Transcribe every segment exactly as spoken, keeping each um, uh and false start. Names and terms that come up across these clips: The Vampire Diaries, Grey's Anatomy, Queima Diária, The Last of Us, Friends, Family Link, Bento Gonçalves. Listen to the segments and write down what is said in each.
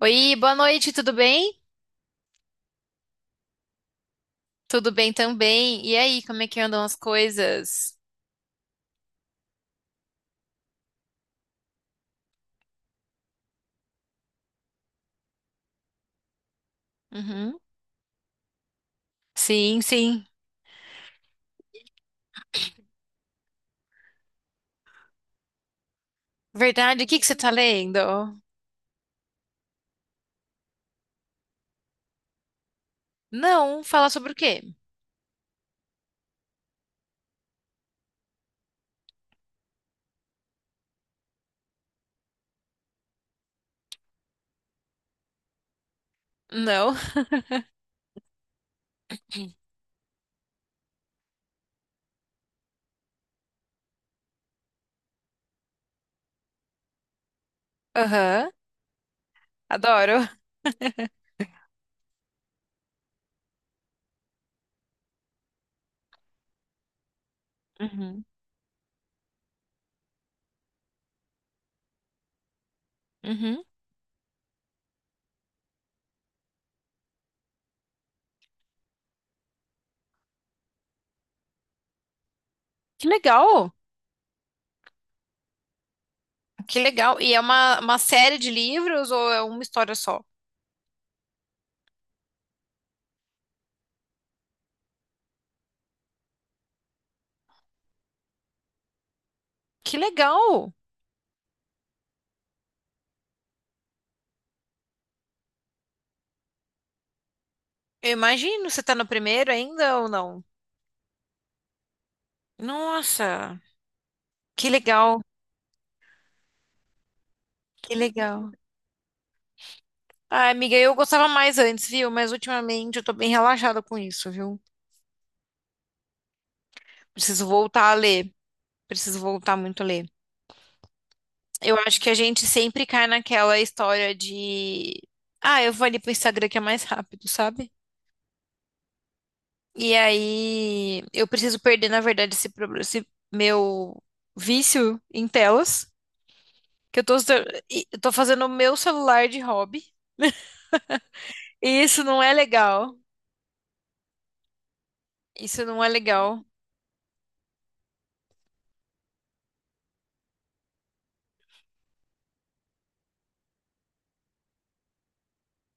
Oi, boa noite, tudo bem? Tudo bem também. E aí, como é que andam as coisas? Uhum. Sim, sim. Verdade, o que que você tá lendo? Não, fala sobre o quê? Não. Aham, adoro. Uhum. Uhum. Que legal. Que legal. E é uma, uma série de livros ou é uma história só? Que legal. Eu imagino, você tá no primeiro ainda ou não? Nossa, que legal. Que legal. Ai, amiga, eu gostava mais antes, viu? Mas ultimamente eu tô bem relaxada com isso, viu? Preciso voltar a ler. Preciso voltar muito a ler. Eu acho que a gente sempre cai naquela história de. Ah, eu vou ali pro Instagram que é mais rápido, sabe? E aí eu preciso perder, na verdade, esse, prob- esse meu vício em telas. Que eu tô, e- eu tô fazendo o meu celular de hobby. E isso não é legal. Isso não é legal.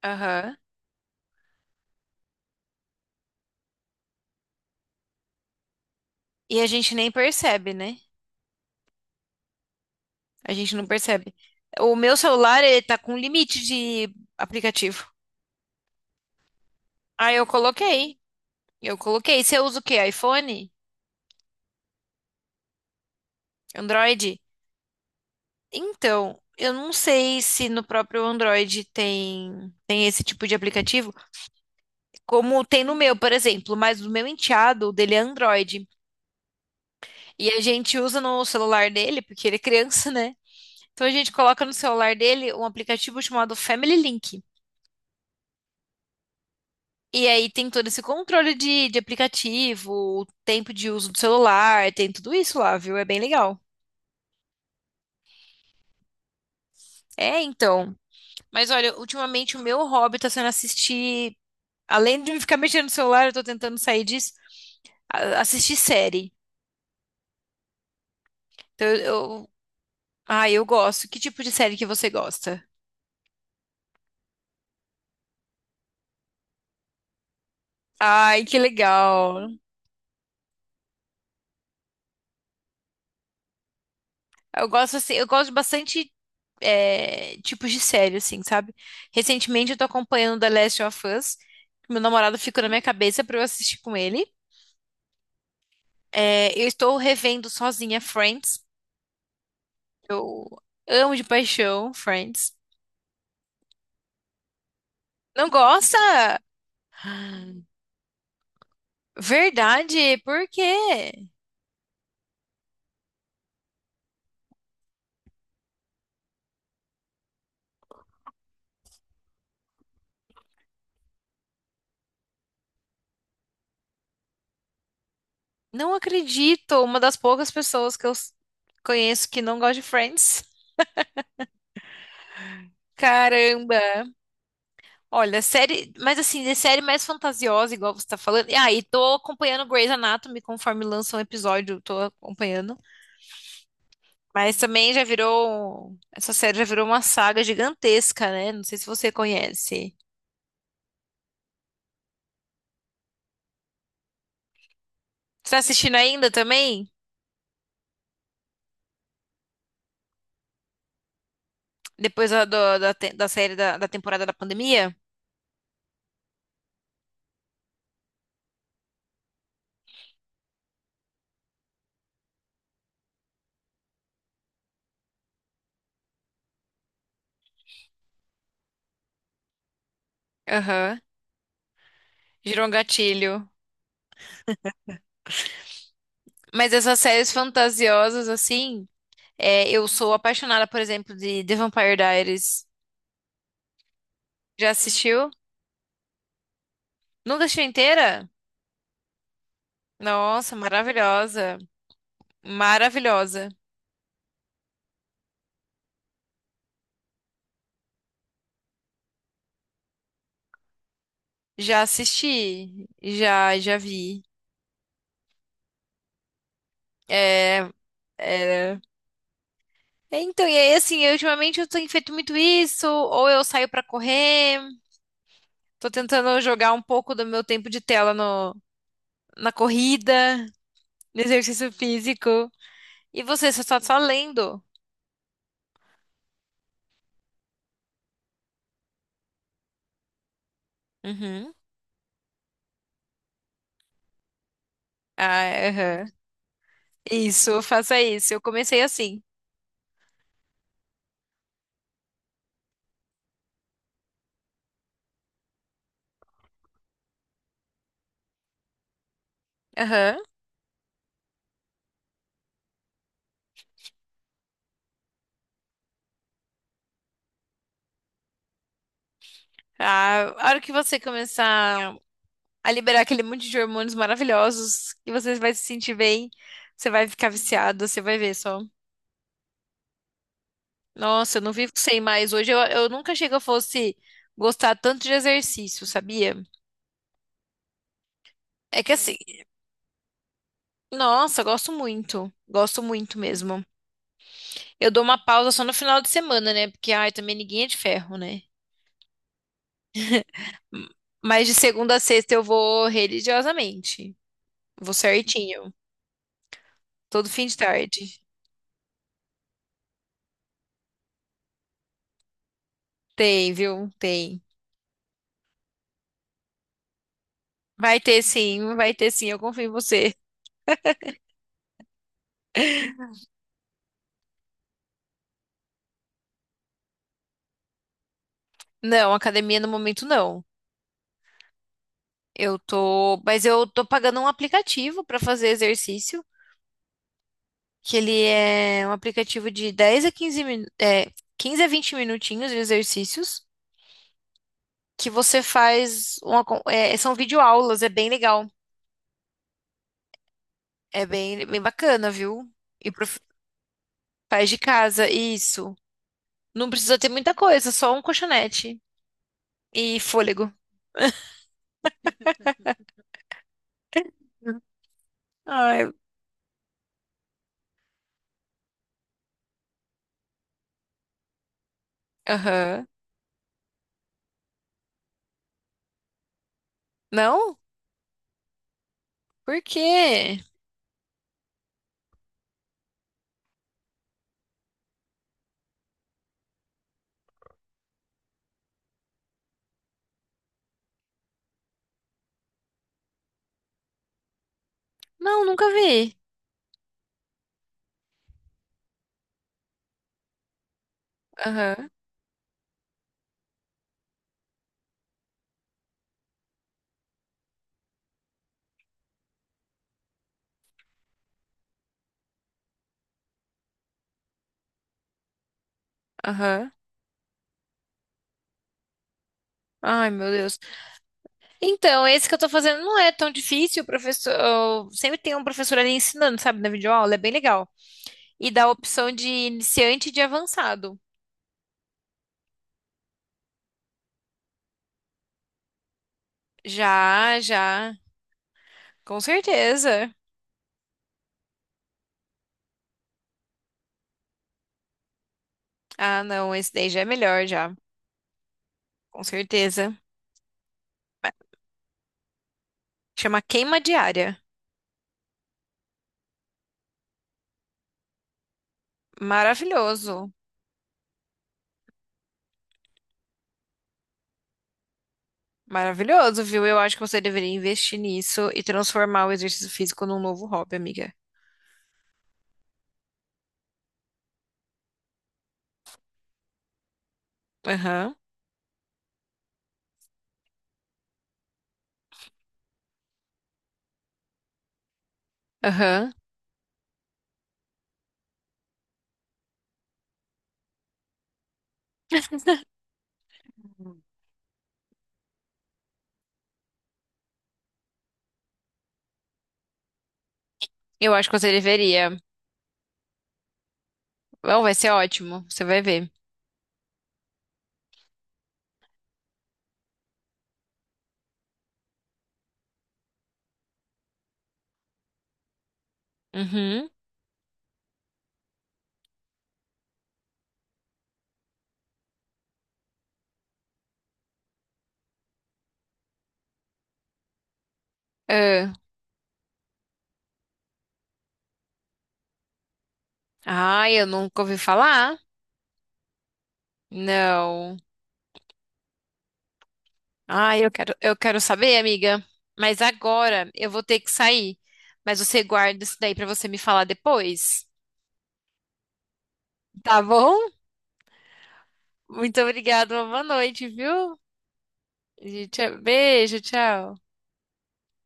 Aham. E a gente nem percebe, né? A gente não percebe. O meu celular, ele tá com limite de aplicativo. Aí eu coloquei. Eu coloquei. Você usa o quê? iPhone? Android? Então, eu não sei se no próprio Android tem, tem esse tipo de aplicativo, como tem no meu, por exemplo, mas o meu enteado, o dele é Android. E a gente usa no celular dele, porque ele é criança, né? Então a gente coloca no celular dele um aplicativo chamado Family Link. E aí tem todo esse controle de, de aplicativo, o tempo de uso do celular, tem tudo isso lá, viu? É bem legal. É, então. Mas olha, ultimamente o meu hobby tá sendo assistir. Além de ficar mexendo no celular, eu tô tentando sair disso, a- assistir série. Então eu. eu- Ah, eu gosto. Que tipo de série que você gosta? Ai, que legal. Eu gosto assim, eu gosto de bastante é, tipos de série, assim, sabe? Recentemente eu tô acompanhando The Last of Us. Meu namorado ficou na minha cabeça pra eu assistir com ele. É, eu estou revendo sozinha Friends. Eu amo de paixão Friends. Não gosta? Verdade, por quê? Não acredito. Uma das poucas pessoas que eu s- conheço que não gosta de Friends. Caramba! Olha, série, mas assim, de série mais fantasiosa, igual você tá falando. E aí, tô acompanhando Grey's Anatomy conforme lança um episódio, tô acompanhando. Mas também já virou. um, Essa série já virou uma saga gigantesca, né? Não sei se você conhece. Você tá assistindo ainda também? Depois da, do- da, te- da série da, da temporada da pandemia? Aham. Gerou um gatilho. Mas essas séries fantasiosas, assim, é, eu sou apaixonada, por exemplo, de The Vampire Diaries. Já assistiu? Nunca assistiu inteira? Nossa, maravilhosa. Maravilhosa. Já assisti. Já, já vi. É, é. Então, e aí, assim, eu, ultimamente eu tenho feito muito isso, ou eu saio pra correr. Tô tentando jogar um pouco do meu tempo de tela no, na corrida, no exercício físico. E você, você tá só lendo? Uhum. Ah, aham. Isso, faça isso. Eu comecei assim. Aham. Ah, a hora que você começar a liberar aquele monte de hormônios maravilhosos, que você vai se sentir bem, você vai ficar viciado, você vai ver só. Nossa, eu não vivo sem mais. Hoje eu, eu nunca achei que eu fosse gostar tanto de exercício, sabia? É que assim, nossa, gosto muito. Gosto muito mesmo. Eu dou uma pausa só no final de semana, né? Porque, ai, também ninguém é de ferro, né? M- Mas de segunda a sexta eu vou religiosamente. Vou certinho. Todo fim de tarde. Tem, viu? Tem. Vai ter sim, vai ter sim. Eu confio em você. Não, academia no momento não. Eu tô. Mas eu tô pagando um aplicativo pra fazer exercício. Que ele é um aplicativo de dez a quinze, min- é, quinze a vinte minutinhos de exercícios. Que você faz uma, con- é, são videoaulas, é bem legal. É bem, bem bacana, viu? E pro, faz de casa, isso. Não precisa ter muita coisa, só um colchonete e fôlego. Ai, aham. Não? Por quê? Não, nunca vi. Aham, aham. Ai, meu Deus. Então, esse que eu tô fazendo não é tão difícil, o professor, eu- sempre tem um professor ali ensinando, sabe, na videoaula, é bem legal. E dá a opção de iniciante e de avançado. Já, já. Com certeza. Ah, não, esse daí já é melhor já. Com certeza. Chama Queima Diária. Maravilhoso. Maravilhoso, viu? Eu acho que você deveria investir nisso e transformar o exercício físico num novo hobby, amiga. Aham. Aham. Eu acho que você deveria. Bom, vai ser ótimo. Você vai ver. Uhum. Ah, ai, eu nunca ouvi falar. Não. Ai, eu quero, eu quero saber, amiga. Mas agora eu vou ter que sair. Mas você guarda isso daí pra você me falar depois. Tá bom? Muito obrigada, uma boa noite, viu? E tchau, beijo, tchau.